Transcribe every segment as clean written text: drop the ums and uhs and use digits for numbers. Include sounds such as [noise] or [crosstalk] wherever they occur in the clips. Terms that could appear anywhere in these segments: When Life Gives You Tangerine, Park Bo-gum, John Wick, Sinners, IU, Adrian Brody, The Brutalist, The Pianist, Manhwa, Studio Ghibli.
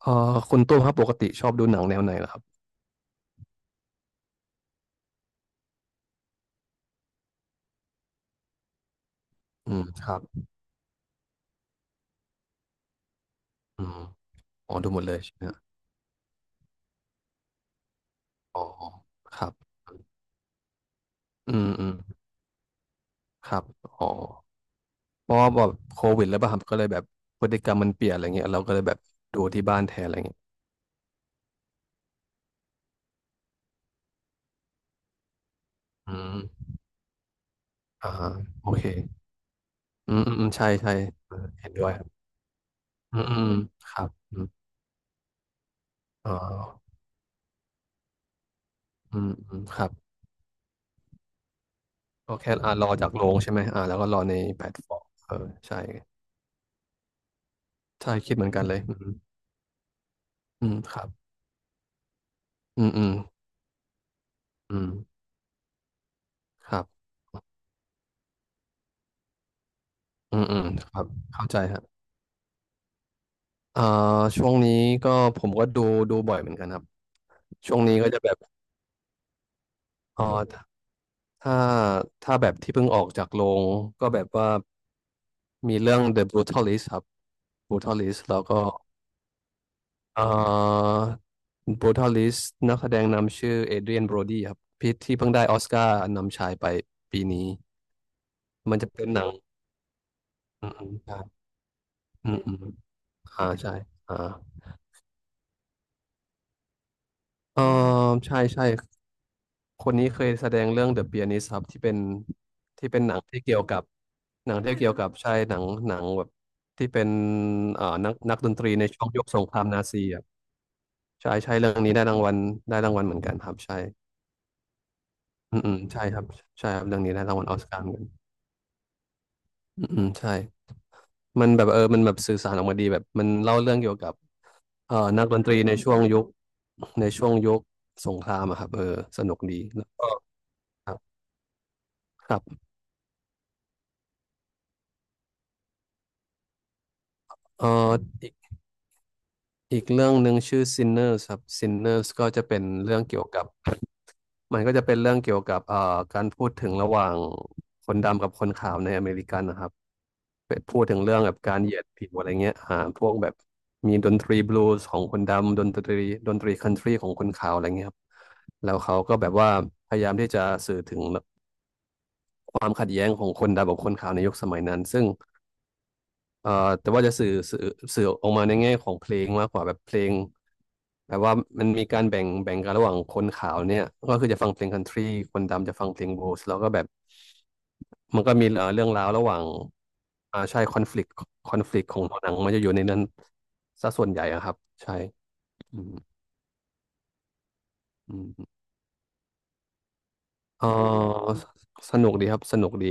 เอ่คุณตุ้มครับปกติชอบดูหนังแนวไหนเหรอครับอืมครับอืมอ๋อดูหมดเลยใช่ไหมฮะอ๋อครับอืมอืมครับอ๋อเพราะว่าแบบโควิดแล้วป่ะครับก็เลยแบบพฤติกรรมมันเปลี่ยนอะไรเงี้ยเราก็เลยแบบดูที่บ้านแทนอะไรเงี้ยอืมอ่าฮะโอเคอืมอืมอืมใช่ใช่เออเห็นด้วยครับอืมอืมอืมครับอืมอ๋ออืมอืมครับก็แค่อ่ารอจากโรงใช่ไหมอ่าแล้วก็รอในแพลตฟอร์มเออใช่ใช่คิดเหมือนกันเลยอืมอืมครับอืมอืมอืมครับ อืมอืมครับเข้าใจครับอ่าช่วงนี้ก็ผมก็ดูดูบ่อยเหมือนกันครับช่วงนี้ก็จะแบบเอ่อถ้าถ้าแบบที่เพิ่งออกจากโรงก็แบบว่ามีเรื่อง The Brutalist ครับ Brutalist แล้วก็เอ่อ Brutalist นักแสดงนำชื่อเอเดรียนโบรดีครับพี่ที่เพิ่งได้ออสการ์นำชายไปปีนี้มันจะเป็นหนังอืมอืมใช่อืมอืมอ่าใช่อ่าเออใช่ใช่ คนนี้เคยแสดงเรื่อง The Pianist ครับที่เป็นหนังที่เกี่ยวกับหนังที่เกี่ยวกับใช่หนังแบบที่เป็นนักดนตรีในช่วงยุคสงครามนาซีอ่ะใช่ใช่เรื่องนี้ได้รางวัลได้รางวัลเหมือนกันครับใช่อืมอืมใช่ครับใช่ครับเรื่องนี้ได้รางวัลออสการ์เหมือนกันอืมอืมใช่มันแบบเออมันแบบสื่อสารออกมาดีแบบมันเล่าเรื่องเกี่ยวกับนักดนตรีในช่วงยุคในช่วงยุคสงครามอะครับเออสนุกดีแล้วก็ครับครับเอ่อ อีกเรื่องหนึ่งชื่อ Sinners ครับ Sinners ก็จะเป็นเรื่องเกี่ยวกับมันก็จะเป็นเรื่องเกี่ยวกับการพูดถึงระหว่างคนดำกับคนขาวในอเมริกันนะครับเป็นพูดถึงเรื่องแบบการเหยียดผิวอะไรเงี้ยอ่าพวกแบบมีดนตรีบลูส์ของคนดำดนตรีคันทรีของคนขาวอะไรเงี้ยครับแล้วเขาก็แบบว่าพยายามที่จะสื่อถึงความขัดแย้งของคนดำกับคนขาวในยุคสมัยนั้นซึ่ง เอ่อแต่ว่าจะสื่อออกมาในแง่ของเพลงมากกว่าแบบเพลงแบบว่ามันมีการแบ่งกันระหว่างคนขาวเนี่ยก็คือจะฟังเพลงคันทรีคนดำจะฟังเพลงบลูส์แล้วก็แบบมันก็มีเรื่องราวระหว่างอ่าใช่คอนฟ lict คอนฟ lict ของหนังมันจะอยู่ในนั้นซะส่วนใหญ่อะครับใช่อืมอืมเออสสนุกดีครับสนุกดี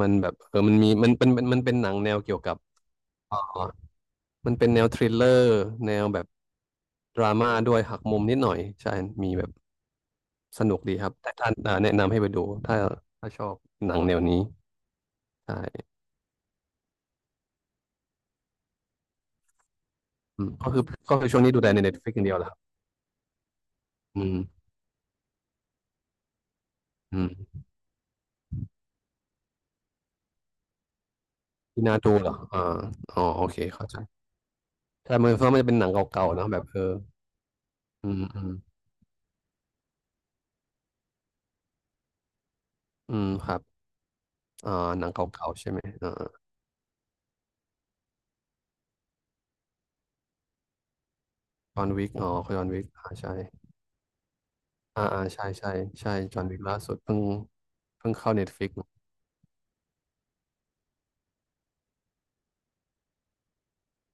มันแบบเออมันมีมันเป็นมันมันเป็นหนังแนวเกี่ยวกับ มันเป็นแนวทริลเลอร์แนวแบบดราม่าด้วยหักมุมนิดหน่อยใช่มีแบบสนุกดีครับ แต่ท่านอ่าแนะนำให้ไปดูถ้าถ้าชอบหนังแนวนี้ใช่อืมก็คือก็คือช่วงนี้ดูแต่ใน Netflix อย่างเดียวแหละครับอืมอืมที่น่าดูเหรออ่าอ๋อโอเคเข้าใจแต่มันเพราะมันจะเป็นหนังเก่าๆเนอะแบบเอออืมอืมอืมครับอ่าหนังเก่าๆใช่ไหมอ่าจอห์นวิกอ๋อจอห์นวิกอ่าใช่อ่าอ่าใช่ใช่ใช่จอห์นวิกล่าสุดเพิ่งเพิ่งเข้าเน็ตฟลิก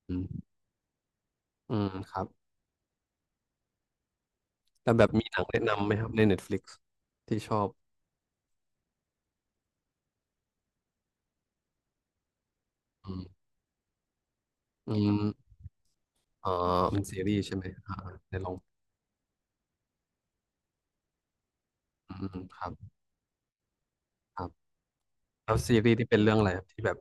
อืมอืมครับ แต่แบบมีหนังแนะนำไหมครับใน Netflix ที่ชอบอืมอืมอ่าเป็นซีรีส์ใช่ไหมอ่าในลองอืมอืมครับครับแล้วซีรีส์ที่เป็นเรื่องอะไรครับที่แบบ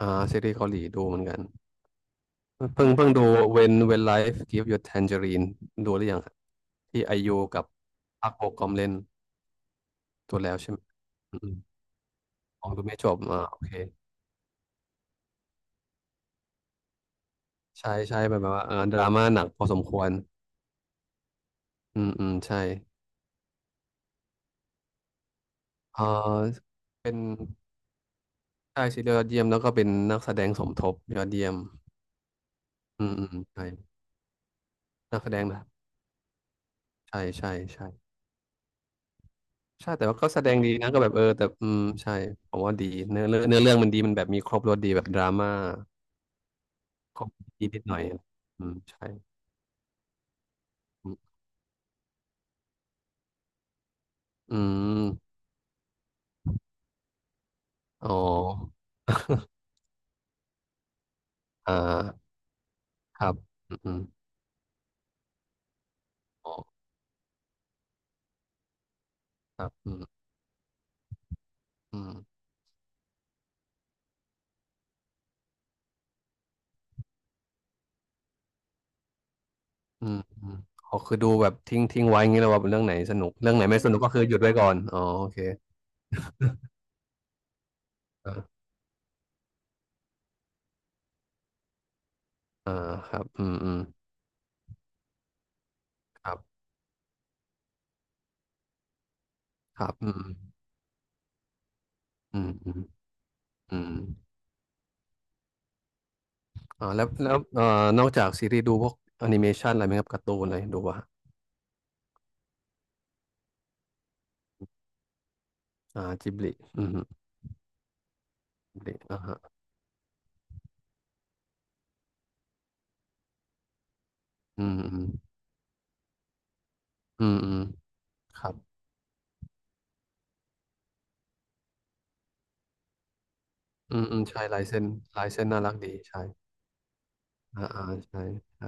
อ่าซีรีส์เกาหลีดูเหมือนกันเพิ่งดู When When Life g i v e You Tangerine ดูหรือยังครับที่ไอยูกับพักโบกอมเล่นตัวแล้วใช่ไหมอืมอมดูไม่จบอ่าโอเคใช่ใช่แบบว่าเออดราม่าหนักพอสมควรอืมอืมใช่เออเป็น ใช่ซีเรียลยอดเยี่ยมแล้วก็เป็นนักแสดงสมทบยอดเยี่ยมอืมอืมใช่นักแสดงนะใช่ใช่ใช่ใช่แต่ว่าก็แสดงดีนะก็แบบเออแต่อืมใช่ผมว่าดีเนื้อเรื่องมันดีมันแบบมีครบรสดีแบบดราม่าครบดีนิดหน่อยอืมใช่อืมอืมอ๋อ [laughs] อ่าครับอืมอืมอ๋อครับอืมอืมอืมอืมอ๋อคือดูแบบทิ้งไว้อย่างนี้เลยว่าเรื่องไหนสนุกเรื่องไหนไม่สนุกก็คือหยุดไว้ก่อนอ๋อโอเคอ่าอ่าครับอืมอืมครับ ครับอืมอืมอืมอืมอ่าแล้วแล้วนอกจากซีรีส์ดูพวกแอนิเมชันอะไรไหมครับการ์ตูนอะไรดูป่ะฮะอ่า จิบลิอืมจิบลิอ่าฮะอืมอืมอืมอืมครับอืมอืมใช่ลายเส้นลายเส้นน่ารักดีใช่อ่าอ่าใช่ใช่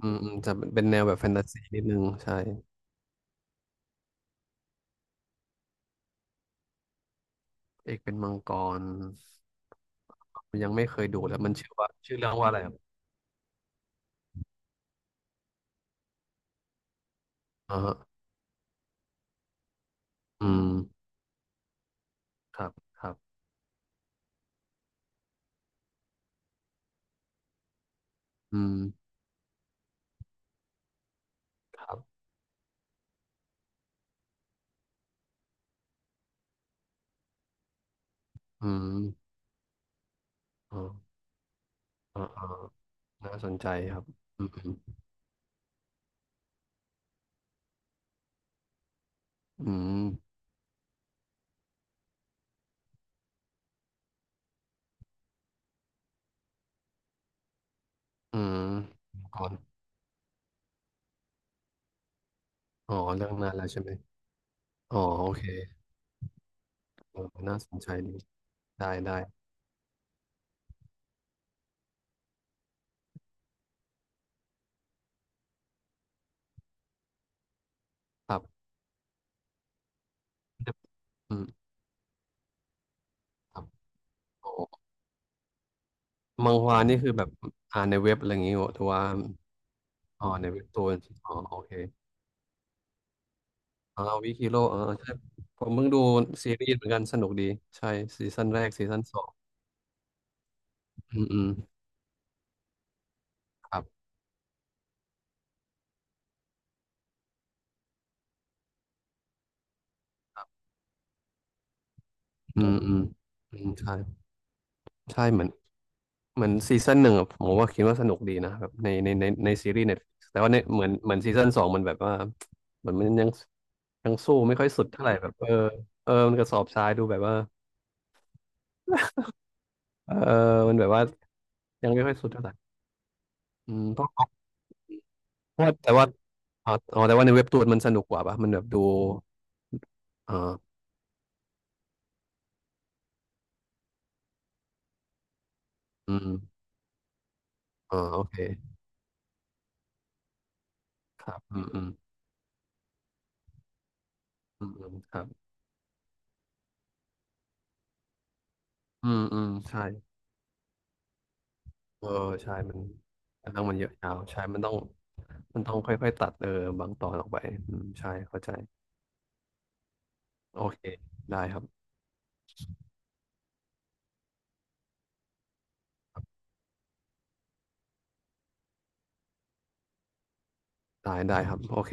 อืมอืมจะเป็นแนวแบบแฟนตาซีนิดนึงใช่ เอกเป็นมังกรยังไม่เคยดูแล้วมันชื่อว่าชื่อเรื่องว่าอะไรครับอ่าฮะอืมครับ ครับ อืมครับอืมอ๋ออ๋ออ๋อ น่าสนใจครับอืมอืมอืมก่อนอ๋อ เรื่องนั้นแล้วใช่ไหม อ๋อ โอเคเออน่าสนใจดี ได้ ได้ ครับอืมครับอ๋อมังฮวานี่คือแบบ อ่านในเว็บอะไรอย่างงี้เหรอหรือว่า อ๋อในเว็บตัวอ๋อ โอเค อ๋อวิคิโร่อ๋อใช่ผมเพิ่งดูซีรีส์เหมือนกันสนุกดี ใช่ ซีซั่นแรก ซีซั่นสองอืมอืมครับ อืมอืมอืมใช่ ใช่เหมือนเหมือนซีซั่นหนึ่งอะผมว่าคิดว่าสนุกดีนะแบบในซีรีส์เน็ตแต่ว่าในเหมือนเหมือนซีซั่นสองมันแบบว่าเหมือนมันยังสู้ไม่ค่อยสุดเท่าไหร่แบบเออเออมันกระสอบทรายดูแบบว่าเออมันแบบว่ายังไม่ค่อยสุดเท่าไหร่อืมเพราะแต่ว่าอ๋ออ๋อแต่ว่าในเว็บตูนมันสนุกกว่าปะมันแบบดูอ่าอืมอ่าโอเคครับอืมอืมอืมอืมครับอืมอืมใช่ เออใช่มันเรื่องมันเยอะยาวใช่มันต้องมันต้องค่อยๆตัดเออบางตอนออกไปอืมใช่เข้าใจโอเคได้ครับได้ได้ครับโอเค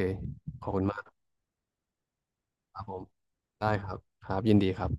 ขอบคุณมากครับผมได้ครับครับยินดีครับ